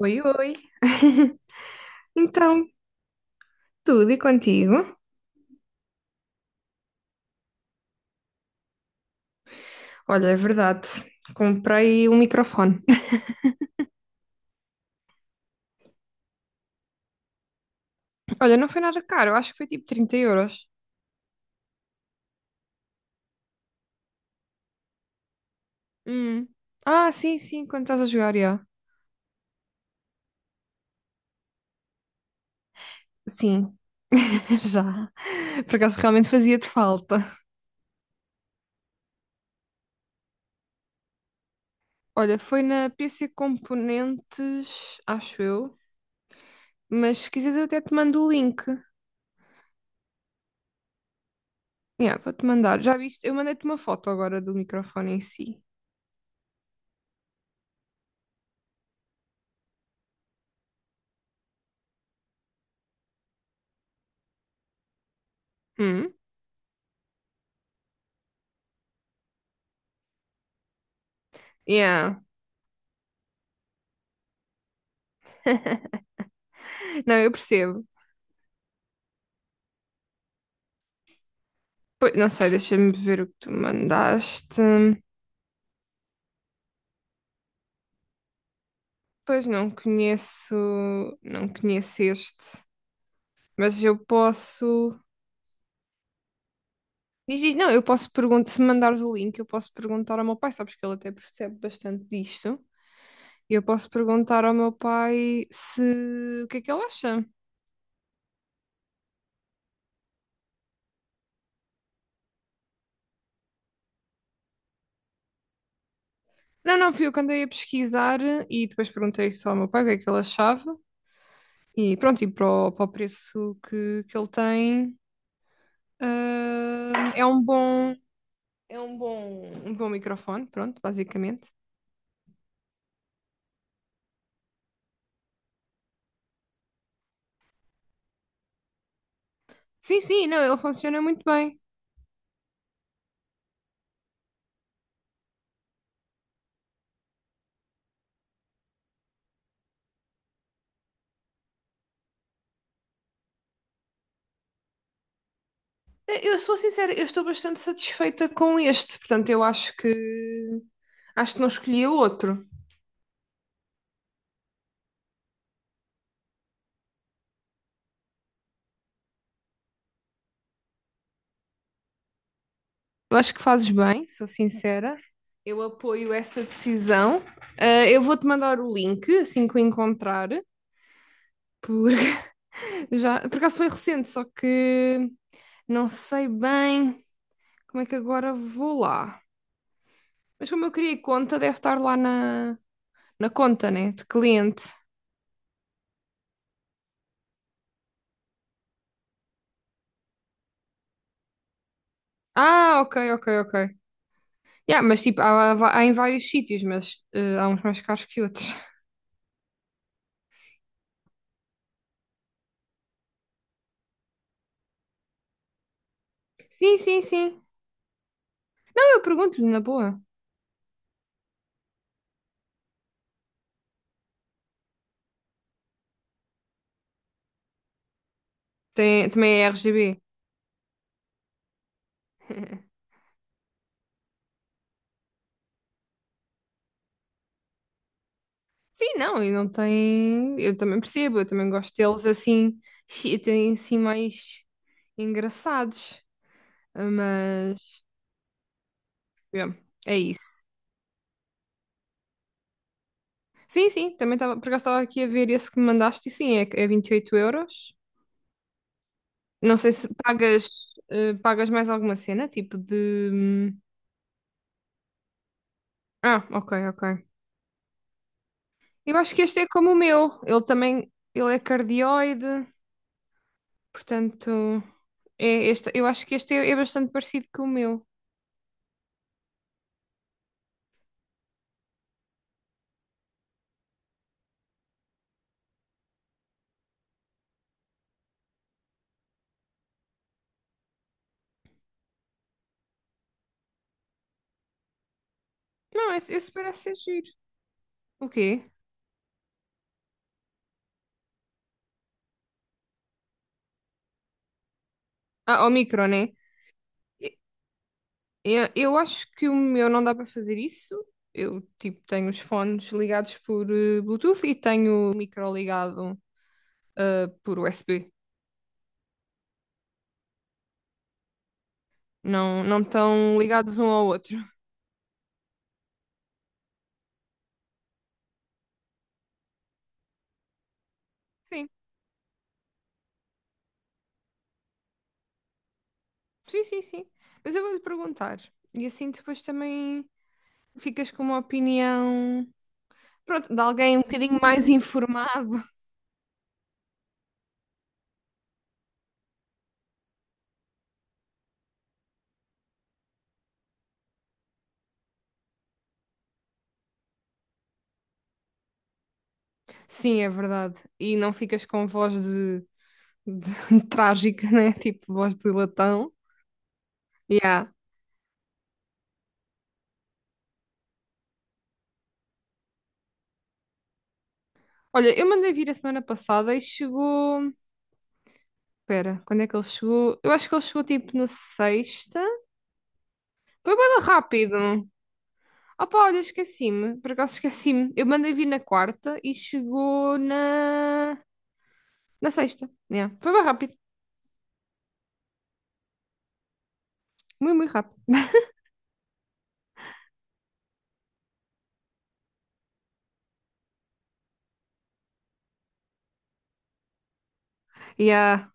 Oi, oi. Então, tudo e contigo? Olha, é verdade. Comprei um microfone. Olha, não foi nada caro. Acho que foi tipo 30 euros. Hum. Ah, sim, sim. Quando estás a jogar, já. Sim, já. Por acaso realmente fazia-te falta. Olha, foi na PC Componentes, acho eu. Mas se quiseres, eu até te mando o link. Yeah, vou-te mandar. Já viste? Eu mandei-te uma foto agora do microfone em si. Hum? Yeah. Não, eu percebo. Pois, não sei, deixa-me ver o que tu mandaste. Pois não conheço, não conheço este, mas eu posso. Diz, diz, não, eu posso perguntar, se mandares o link, eu posso perguntar ao meu pai, sabes que ele até percebe bastante disto. E eu posso perguntar ao meu pai se o que é que ele acha. Não, não, fui eu que andei a pesquisar e depois perguntei só ao meu pai o que é que ele achava. E pronto, e para o preço que ele tem, é um bom, é um bom microfone, pronto, basicamente. Sim, sim, não, ele funciona muito bem. Eu sou sincera, eu estou bastante satisfeita com este, portanto, eu acho que não escolhi o outro. Eu acho que fazes bem, sou sincera. Eu apoio essa decisão. Ah, eu vou-te mandar o link assim que o encontrar, porque já, por acaso foi recente, só que não sei bem como é que agora vou lá. Mas como eu criei conta, deve estar lá na, na conta, né, de cliente. Ah, ok, ok, ok. Yeah, mas tipo, há em vários sítios, mas há uns mais caros que outros. Sim, sim, sim. Não, eu pergunto-lhe na boa. Tem, também é RGB. Sim, não, e não tem. Eu também percebo, eu também gosto deles assim, chi- tem assim mais engraçados. Mas yeah, é isso. Sim, sim, também estava, por acaso estava aqui a ver esse que me mandaste e sim, é, é 28 euros. Não sei se pagas, pagas mais alguma cena, tipo de. Ah, ok, ok. Eu acho que este é como o meu. Ele também, ele é cardioide, portanto, é este, eu acho que este é, é bastante parecido com o meu. Não, esse parece ser giro. O quê? Ah, o micro, né? E- eu acho que o meu não dá para fazer isso. Eu, tipo, tenho os fones ligados por Bluetooth e tenho o micro ligado por USB. Não, não estão ligados um ao outro. Sim, sim, sim, sim. Mas eu vou-lhe perguntar. E assim depois também... ficas com uma opinião, pronto, de alguém um bocadinho mais informado. Sim, é verdade. E não ficas com voz de- trágica, né? Tipo, voz de latão. Yeah. Olha, eu mandei vir a semana passada e chegou. Espera, quando é que ele chegou? Eu acho que ele chegou tipo na sexta. Foi bem rápido. Opa, olha, esqueci-me. Por acaso esqueci-me. Eu mandei vir na quarta e chegou na, na sexta. Yeah. Foi bem rápido. Muito, muito rápido. Yeah.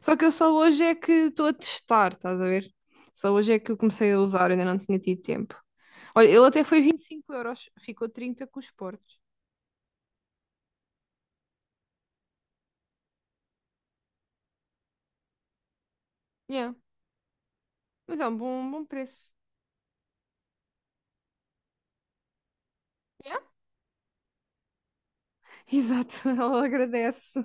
Só que eu só hoje é que estou a testar, estás a ver? Só hoje é que eu comecei a usar, ainda não tinha tido tempo. Olha, ele até foi 25 euros, ficou trinta com os portos. Yeah. Mas é um bom preço. Yeah. Exato, ela agradece.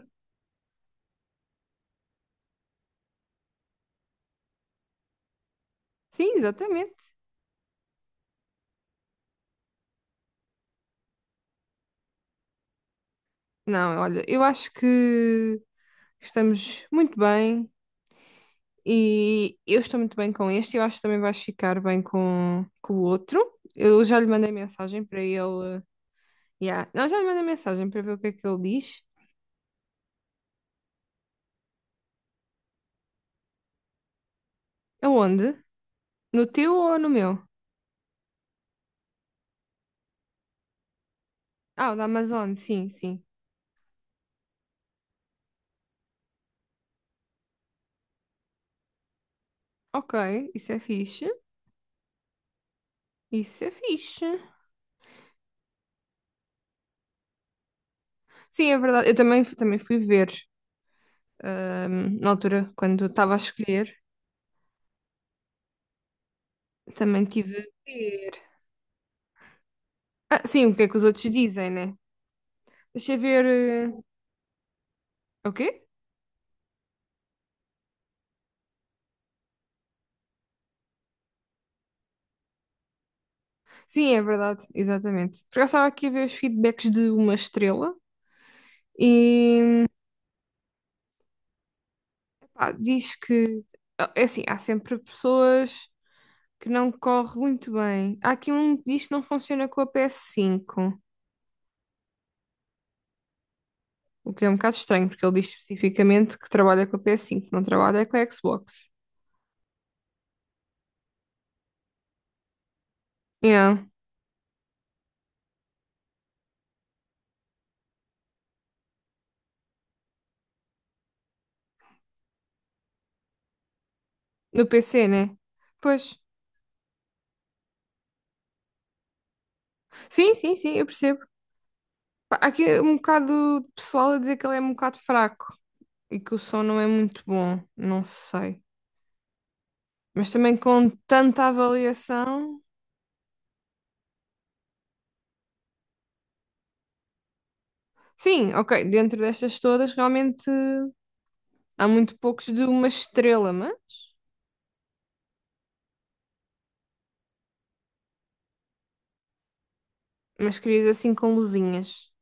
Sim, exatamente. Não, olha, eu acho que estamos muito bem e eu estou muito bem com este. Eu acho que também vais ficar bem com o outro. Eu já lhe mandei mensagem para ele. Yeah. Não, já lhe mandei mensagem para ver o que é que ele diz. Aonde? No teu ou no meu? Ah, o da Amazon, sim, sim. Ok, isso é fixe. Isso é fixe. Sim, é verdade. Eu também, fu- também fui ver, na altura, quando estava a escolher, também tive a ver. Ah, sim, o que é que os outros dizem, né? Deixa eu ver. eh, O quê? Sim, é verdade, exatamente. Porque eu estava aqui a ver os feedbacks de uma estrela e pá, diz que. É assim, há sempre pessoas que não corre muito bem. Há aqui um que diz que não funciona com a PS5. O que é um bocado estranho, porque ele diz especificamente que trabalha com a PS5, não trabalha com a Xbox. Yeah. No PC, né? Pois. Sim, sim, sim, eu percebo. Pá, há aqui é um bocado de pessoal a dizer que ele é um bocado fraco e que o som não é muito bom. Não sei. Mas também com tanta avaliação. Sim, ok, dentro destas todas, realmente há muito poucos de uma estrela, mas. Mas querias assim com luzinhas.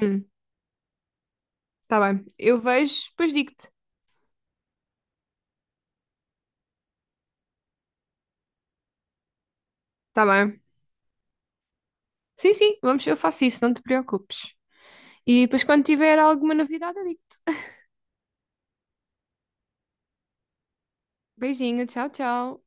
Hum, tá bem. Eu vejo, depois digo-te. Tá bem. Sim, sim, vamos, eu faço isso, não te preocupes. E depois, quando tiver alguma novidade, eu digo. Beijinho, tchau, tchau.